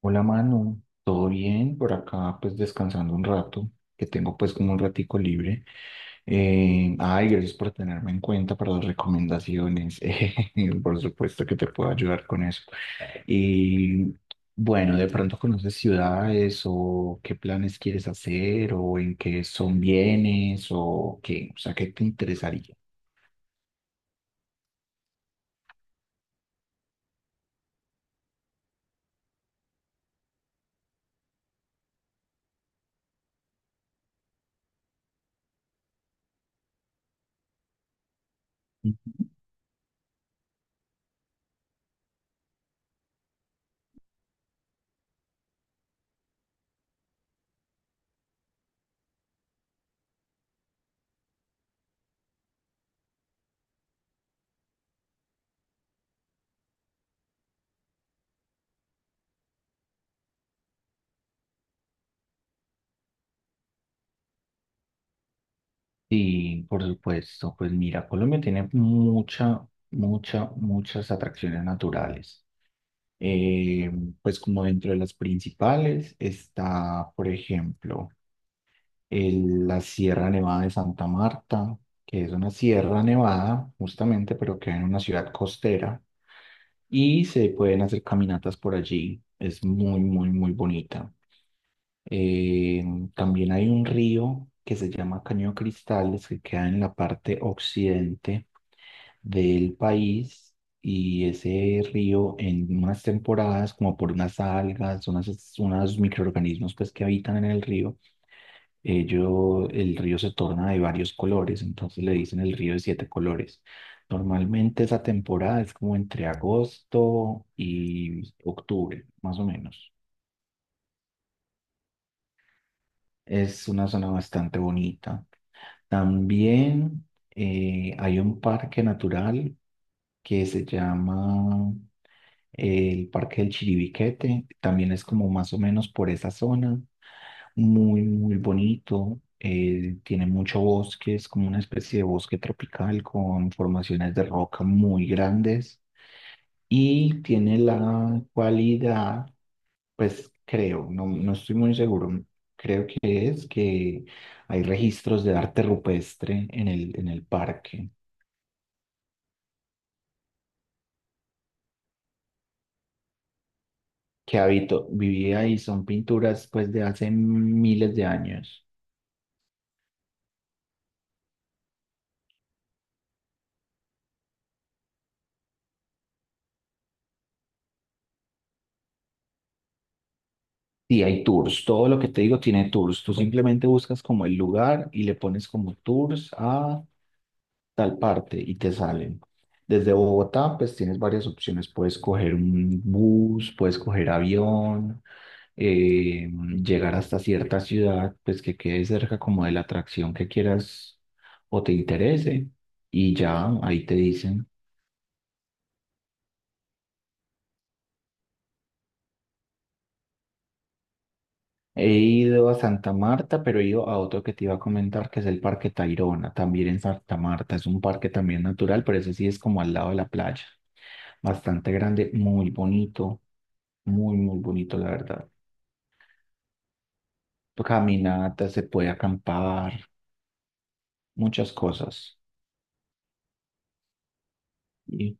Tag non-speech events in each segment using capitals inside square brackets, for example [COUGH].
Hola Manu, ¿todo bien? Por acá pues descansando un rato, que tengo pues como un ratico libre. Ay, gracias por tenerme en cuenta para las recomendaciones. [LAUGHS] Por supuesto que te puedo ayudar con eso. Y bueno, de pronto conoces ciudades o qué planes quieres hacer o en qué son bienes o qué, o sea, ¿qué te interesaría? Ujú. Sí, por supuesto. Pues mira, Colombia tiene muchas atracciones naturales. Eh, pues como dentro de las principales está, por ejemplo, la Sierra Nevada de Santa Marta, que es una sierra nevada justamente, pero que hay en una ciudad costera y se pueden hacer caminatas por allí. Es muy bonita. Eh, también hay un río que se llama Caño Cristales, que queda en la parte occidente del país, y ese río en unas temporadas, como por unas algas, unos microorganismos pues que habitan en el río, el río se torna de varios colores, entonces le dicen el río de siete colores. Normalmente esa temporada es como entre agosto y octubre, más o menos. Es una zona bastante bonita. También hay un parque natural que se llama el Parque del Chiribiquete, también es como más o menos por esa zona, muy, muy bonito, tiene mucho bosque, es como una especie de bosque tropical con formaciones de roca muy grandes y tiene la cualidad, pues creo, no, no estoy muy seguro, creo que es que hay registros de arte rupestre en en el parque. Que habito, vivía, y son pinturas pues de hace miles de años. Sí, hay tours. Todo lo que te digo tiene tours. Tú simplemente buscas como el lugar y le pones como tours a tal parte y te salen. Desde Bogotá, pues tienes varias opciones. Puedes coger un bus, puedes coger avión, eh, llegar hasta cierta ciudad, pues que quede cerca como de la atracción que quieras o te interese. Y ya ahí te dicen. He ido a Santa Marta, pero he ido a otro que te iba a comentar, que es el Parque Tayrona, también en Santa Marta. Es un parque también natural, pero ese sí es como al lado de la playa. Bastante grande, muy bonito, muy, muy bonito, la verdad. Caminata, se puede acampar, muchas cosas. Y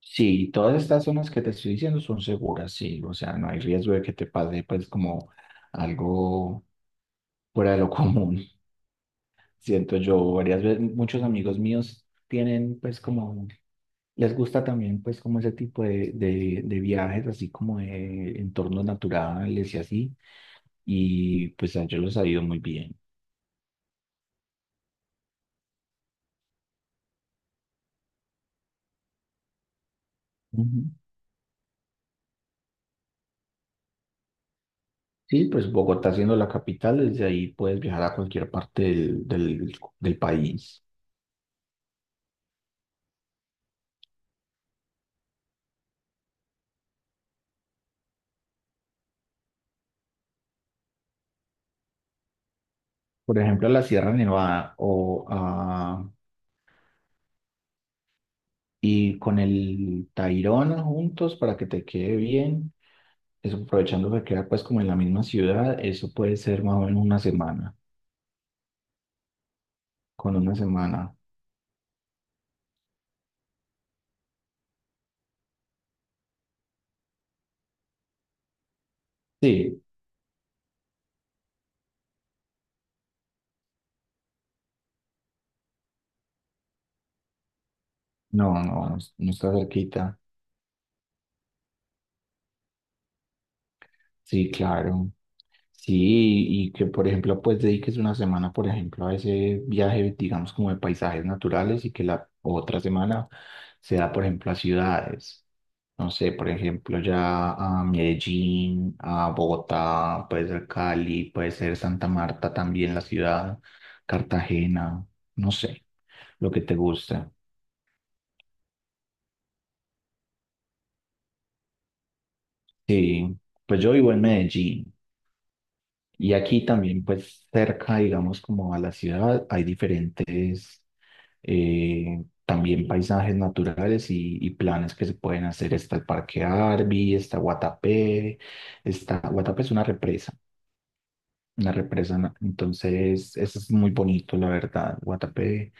sí, todas estas zonas que te estoy diciendo son seguras, sí. O sea, no hay riesgo de que te pase, pues, como algo fuera de lo común. [LAUGHS] Siento yo, varias veces, muchos amigos míos tienen, pues, como, les gusta también, pues, como ese tipo de de viajes, así como de entornos naturales y así. Y pues a ellos les ha ido muy bien. Ujú. Sí, pues Bogotá siendo la capital, desde ahí puedes viajar a cualquier parte del país. Por ejemplo, a la Sierra Nevada o a, y con el Tayrona juntos para que te quede bien. Eso aprovechando que queda pues como en la misma ciudad, eso puede ser más o menos una semana. Con una semana. Sí, no, no, no está cerquita. Sí, claro. Sí, y que por ejemplo, pues dediques una semana, por ejemplo, a ese viaje, digamos, como de paisajes naturales, y que la otra semana sea, por ejemplo, a ciudades. No sé, por ejemplo, ya a Medellín, a Bogotá, puede ser Cali, puede ser Santa Marta también, la ciudad, Cartagena, no sé, lo que te gusta. Sí, pues yo vivo en Medellín. Y aquí también, pues cerca, digamos, como a la ciudad, hay diferentes también paisajes naturales y planes que se pueden hacer. Está el Parque Arví, está, Guatapé es una represa, entonces eso es muy bonito, la verdad. Guatapé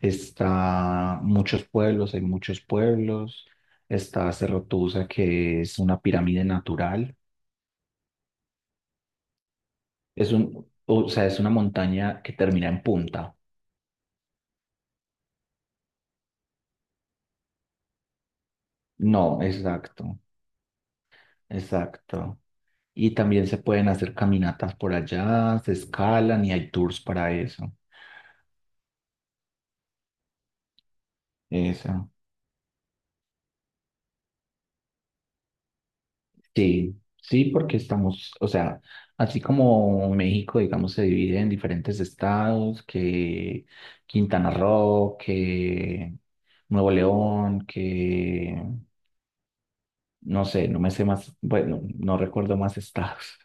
está muchos pueblos, hay muchos pueblos. Está Cerro Tusa, que es una pirámide natural. Es un, o sea, es una montaña que termina en punta. No, exacto, exacto. Y también se pueden hacer caminatas por allá, se escalan y hay tours para eso. Eso. Sí, sí, porque estamos, o sea, así como México, digamos, se divide en diferentes estados, que Quintana Roo, que Nuevo León, que no sé, no me sé más, bueno, no recuerdo más estados.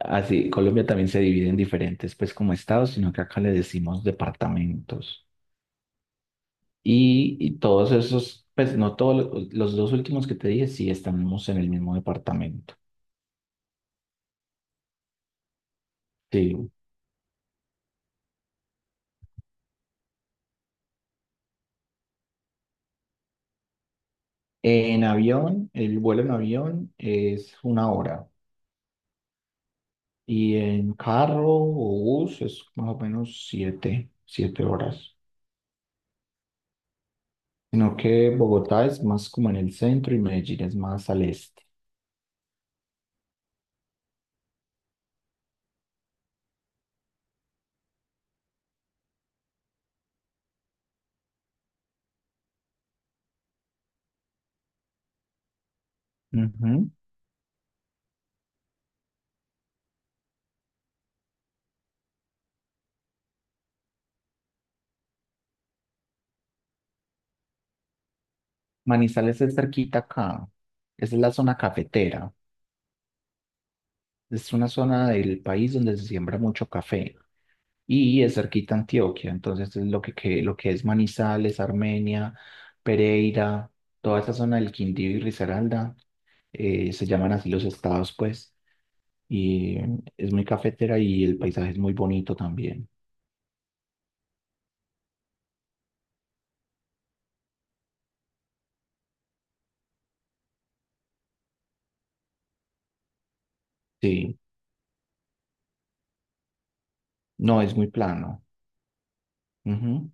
Así, Colombia también se divide en diferentes, pues como estados, sino que acá le decimos departamentos. Y todos esos, pues no todos, los dos últimos que te dije, sí estamos en el mismo departamento. Sí. En avión, el vuelo en avión es una hora. Y en carro o bus es más o menos siete horas. Sino que Bogotá es más como en el centro y Medellín es más al este. Ujú. Manizales es cerquita acá. Esa es la zona cafetera. Es una zona del país donde se siembra mucho café. Y es cerquita a Antioquia. Entonces, es lo que, lo que es Manizales, Armenia, Pereira, toda esa zona del Quindío y Risaralda, se llaman así los estados, pues, y es muy cafetera y el paisaje es muy bonito también. Sí, no, es muy plano. Ujú.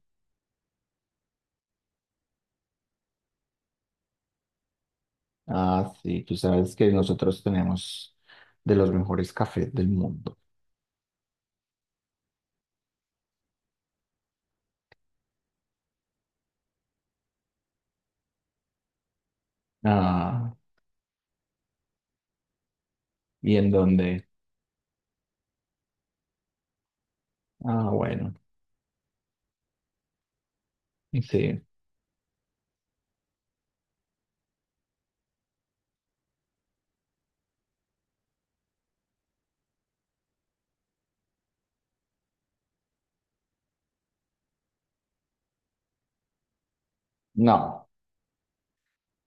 Ah, sí, tú sabes que nosotros tenemos de los mejores cafés del mundo. Ah, y en donde, ah, bueno, sí, no,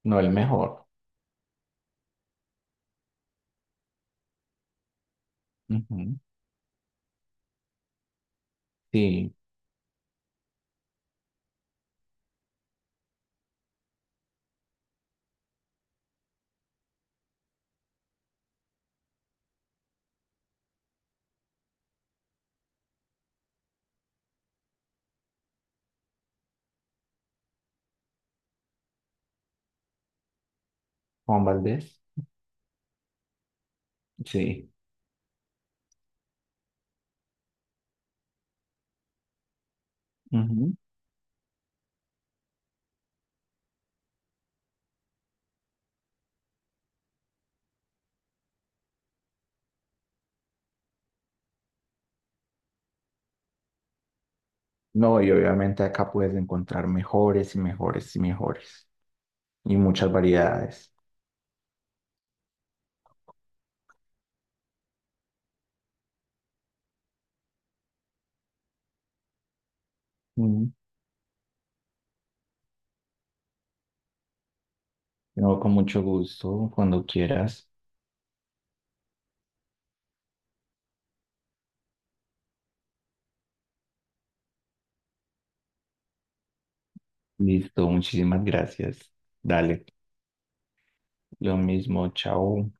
no el mejor. Ujú. Sí, Juan Valdés, sí. Ujú. No, y obviamente acá puedes encontrar mejores y mejores y mejores, y muchas variedades. Ujú. No, con mucho gusto, cuando quieras. Listo, muchísimas gracias. Dale, lo mismo, chao.